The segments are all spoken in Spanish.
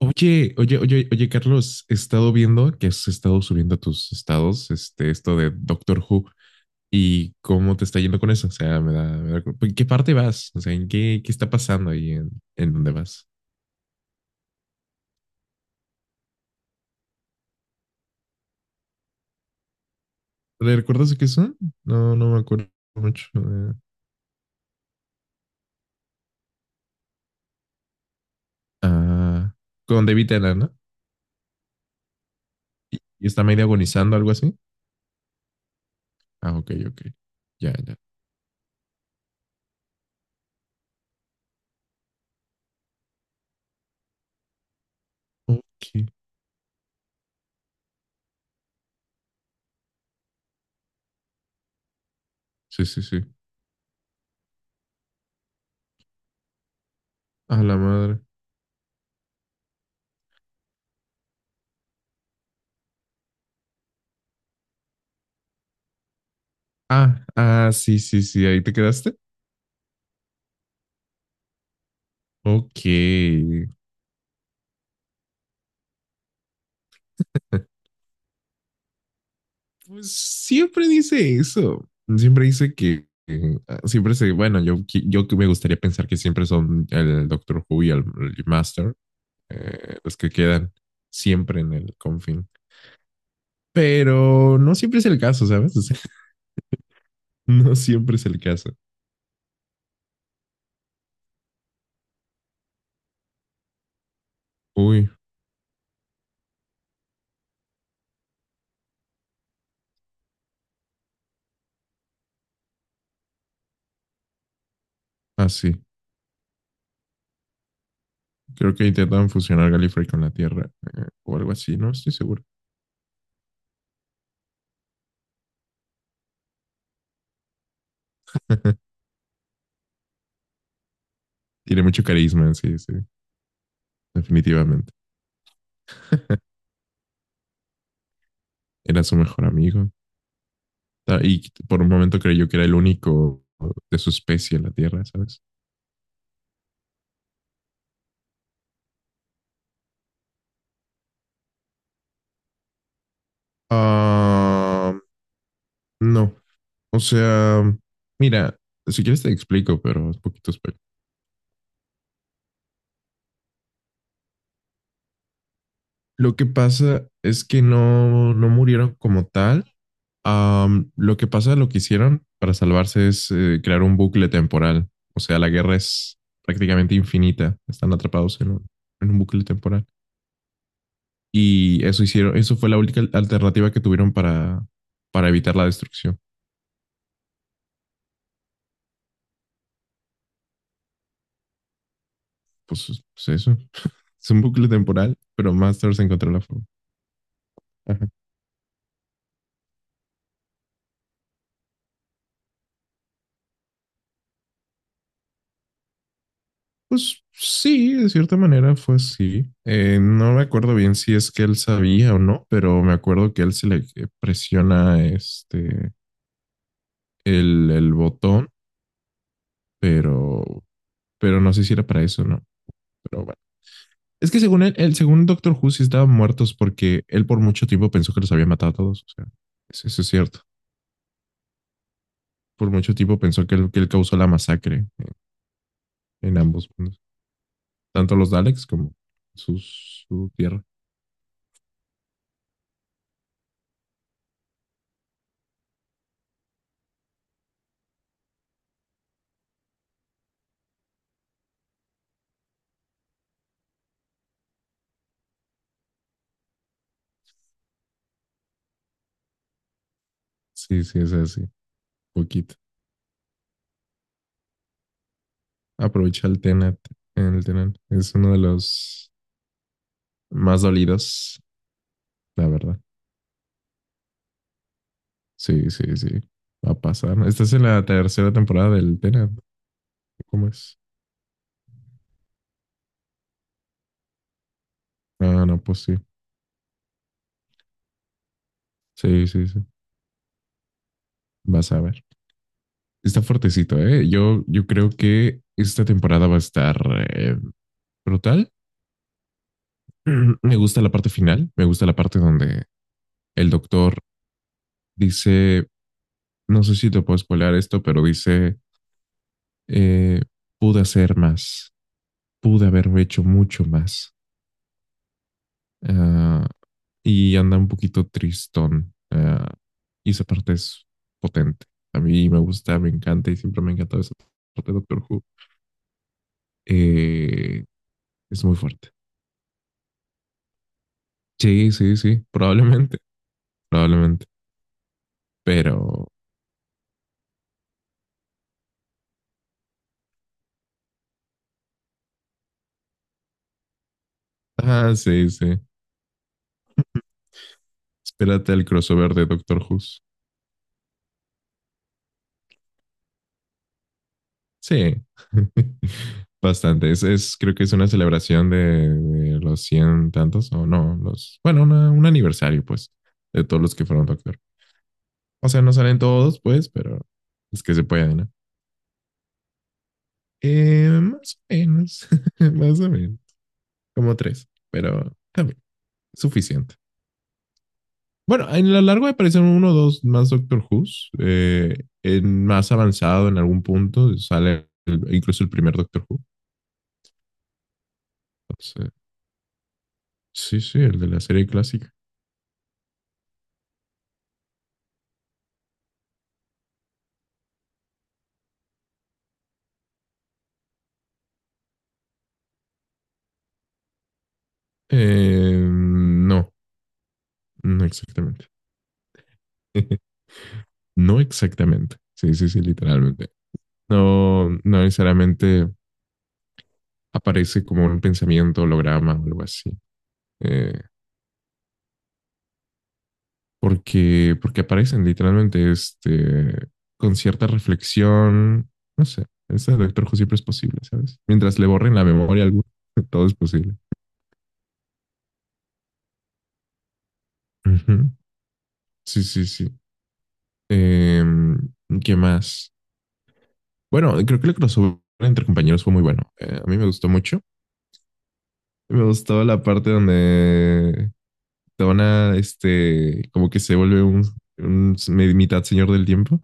Oye, oye, oye, oye, Carlos, he estado viendo que has estado subiendo a tus estados, esto de Doctor Who y cómo te está yendo con eso. O sea, ¿en qué parte vas? O sea, ¿qué está pasando ahí en dónde vas? ¿Le ¿Recuerdas de qué son? No me acuerdo mucho. Ah, con David Tennant, ¿no? Y está medio agonizando, algo así. Ah, ok, ok. Ya, ya. Ok. Sí, sí, sí. ¡A la madre! Ah, ah, sí, sí, sí. Ahí te quedaste. Ok. Pues siempre dice eso. Siempre dice que siempre se, bueno, yo, yo que me gustaría pensar que siempre son el Doctor Who y el Master, los que quedan siempre en el confín. Pero no siempre es el caso, ¿sabes? O sea, no siempre es el caso. Uy, así. Creo que intentan fusionar Gallifrey con la Tierra o algo así, no estoy seguro. Tiene mucho carisma, sí, sí, definitivamente. Era su mejor amigo. Y por un momento creyó que era el único de su especie en la Tierra, ¿sabes? Ah, no. O sea, mira, si quieres te explico, pero es poquito Lo que pasa es que no murieron como tal. Am, lo que pasa, lo que hicieron para salvarse es crear un bucle temporal. O sea, la guerra es prácticamente infinita. Están atrapados en en un bucle temporal. Y eso hicieron, eso fue la única alternativa que tuvieron para evitar la destrucción. Pues eso. Es un bucle temporal, pero Masters encontró la forma. Ajá. Pues sí, de cierta manera fue así. No me acuerdo bien si es que él sabía o no, pero me acuerdo que él se le presiona este el botón, pero, pero no sé si era para eso, ¿no? Pero bueno. Es que según él, según Doctor Who, sí estaban muertos porque él por mucho tiempo pensó que los había matado a todos. O sea, eso es cierto. Por mucho tiempo pensó que él causó la masacre en ambos mundos. Tanto los Daleks como su tierra. Sí, sí, es así, poquito. Aprovecha el Tenet, el Tenet. Es uno de los más dolidos, la verdad. Sí, sí, sí. Va a pasar. Estás en la tercera temporada del Tenet. ¿Cómo es? Ah, no, pues sí. Sí, sí, sí. Vas a ver. Está fuertecito, ¿eh? Yo creo que esta temporada va a estar eh, brutal. Me gusta la parte final. Me gusta la parte donde el doctor dice, no sé si te puedo spoilear esto, pero dice, eh, pude hacer más, pude haber hecho mucho más. Ah, y anda un poquito tristón. Ah, y esa parte es potente. A mí me gusta, me encanta y siempre me ha encantado esa parte de Doctor Who. Eh, es muy fuerte. Sí, sí, sí, probablemente, probablemente. Pero, ah, sí, sí. Espérate al crossover de Doctor Who. Sí, bastante. Creo que es una celebración de los cien tantos, o no, los, bueno, un aniversario, pues, de todos los que fueron doctor. O sea, no salen todos, pues, pero es que se puede, ¿no? Más o menos, más o menos, como tres, pero también, suficiente. Bueno, en lo largo aparecen uno o dos más Doctor Who's, en más avanzado en algún punto sale incluso el primer Doctor Who. Entonces, sí, sí, el de la serie clásica. No, no exactamente. No exactamente. Sí, sí, sí, literalmente. No, no necesariamente aparece como un pensamiento, holograma o algo así. Eh, porque aparecen literalmente este, con cierta reflexión. No sé, ese Doctor Who siempre es posible, ¿sabes? Mientras le borren la memoria a alguno, todo es posible. Ujú. Sí, sí, sí. Eh, ¿Qué más? Bueno, creo que el crossover entre compañeros fue muy bueno. A mí me gustó mucho. Me gustaba la parte donde Donna, este, como que se vuelve un mitad señor del tiempo,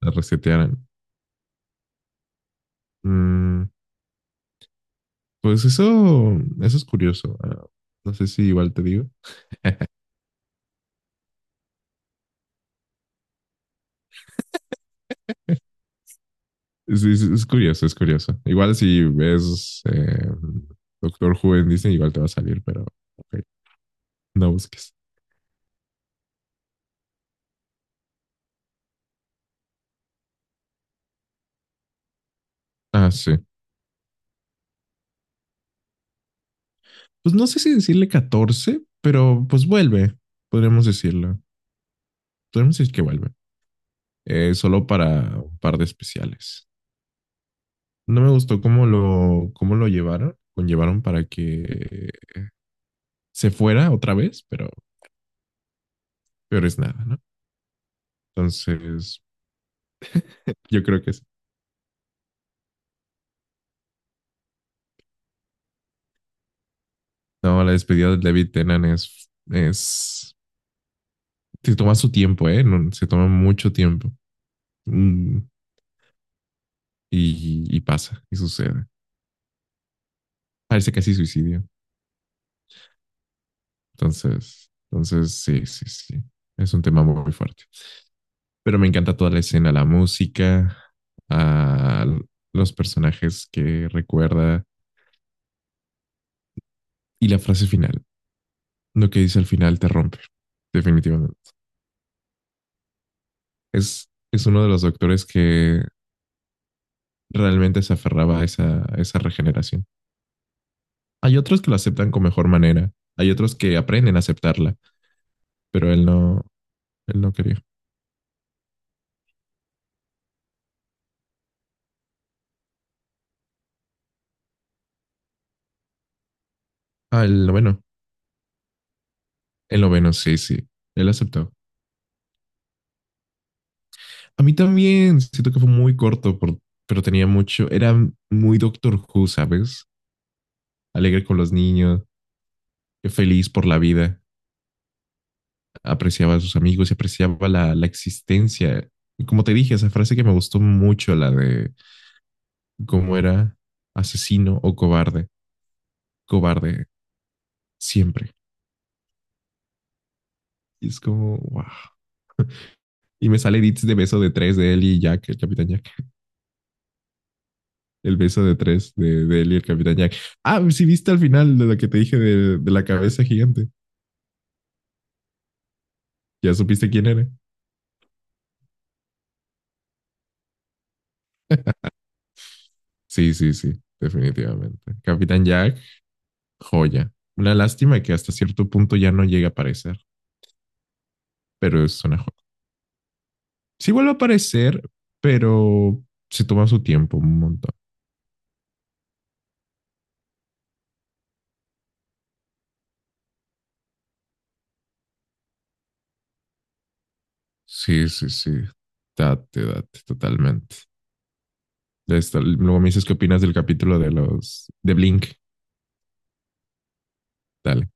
la resetearan. Mm, pues eso es curioso. Ah, no sé si igual te digo. Es, es curioso, es curioso. Igual si ves Doctor Who en Disney, igual te va a salir, pero ok, no busques. Ah, sí. Pues no sé si decirle 14, pero pues vuelve, podríamos decirlo. Podríamos decir que vuelve. Eh, solo para un par de especiales. No me gustó cómo lo llevaron, conllevaron para que se fuera otra vez, pero peor es nada, ¿no? Entonces, yo creo que sí. No, la despedida de David Tennant es, se toma su tiempo, ¿eh? No, se toma mucho tiempo. Mm, y pasa, y sucede. Parece casi suicidio. Entonces, entonces, sí, sí, sí. Es un tema muy, muy fuerte. Pero me encanta toda la escena, la música, a los personajes que recuerda y la frase final. Lo que dice al final te rompe, definitivamente. Es uno de los doctores que realmente se aferraba a esa regeneración. Hay otros que lo aceptan con mejor manera, hay otros que aprenden a aceptarla, pero él no quería. Ah, el noveno. El noveno, sí, sí. Él aceptó. A mí también siento que fue muy corto, por, pero tenía mucho. Era muy Doctor Who, ¿sabes? Alegre con los niños, feliz por la vida, apreciaba a sus amigos y apreciaba la existencia. Y como te dije, esa frase que me gustó mucho, la de cómo era asesino o cobarde, cobarde siempre. Y es como, wow. Y me sale edits de beso de tres de él y Jack, el Capitán Jack. El beso de tres de él y el Capitán Jack. Ah, sí, viste al final de lo que te dije de la cabeza gigante. Ya supiste quién era. Sí, sí, sí, definitivamente. Capitán Jack joya. Una lástima que hasta cierto punto ya no llega a aparecer, pero es una joya. Sí vuelve a aparecer, pero se toma su tiempo un montón. Sí, sí, sí. Date, date, totalmente. Ya está. Luego me dices qué opinas del capítulo de los de Blink. Dale.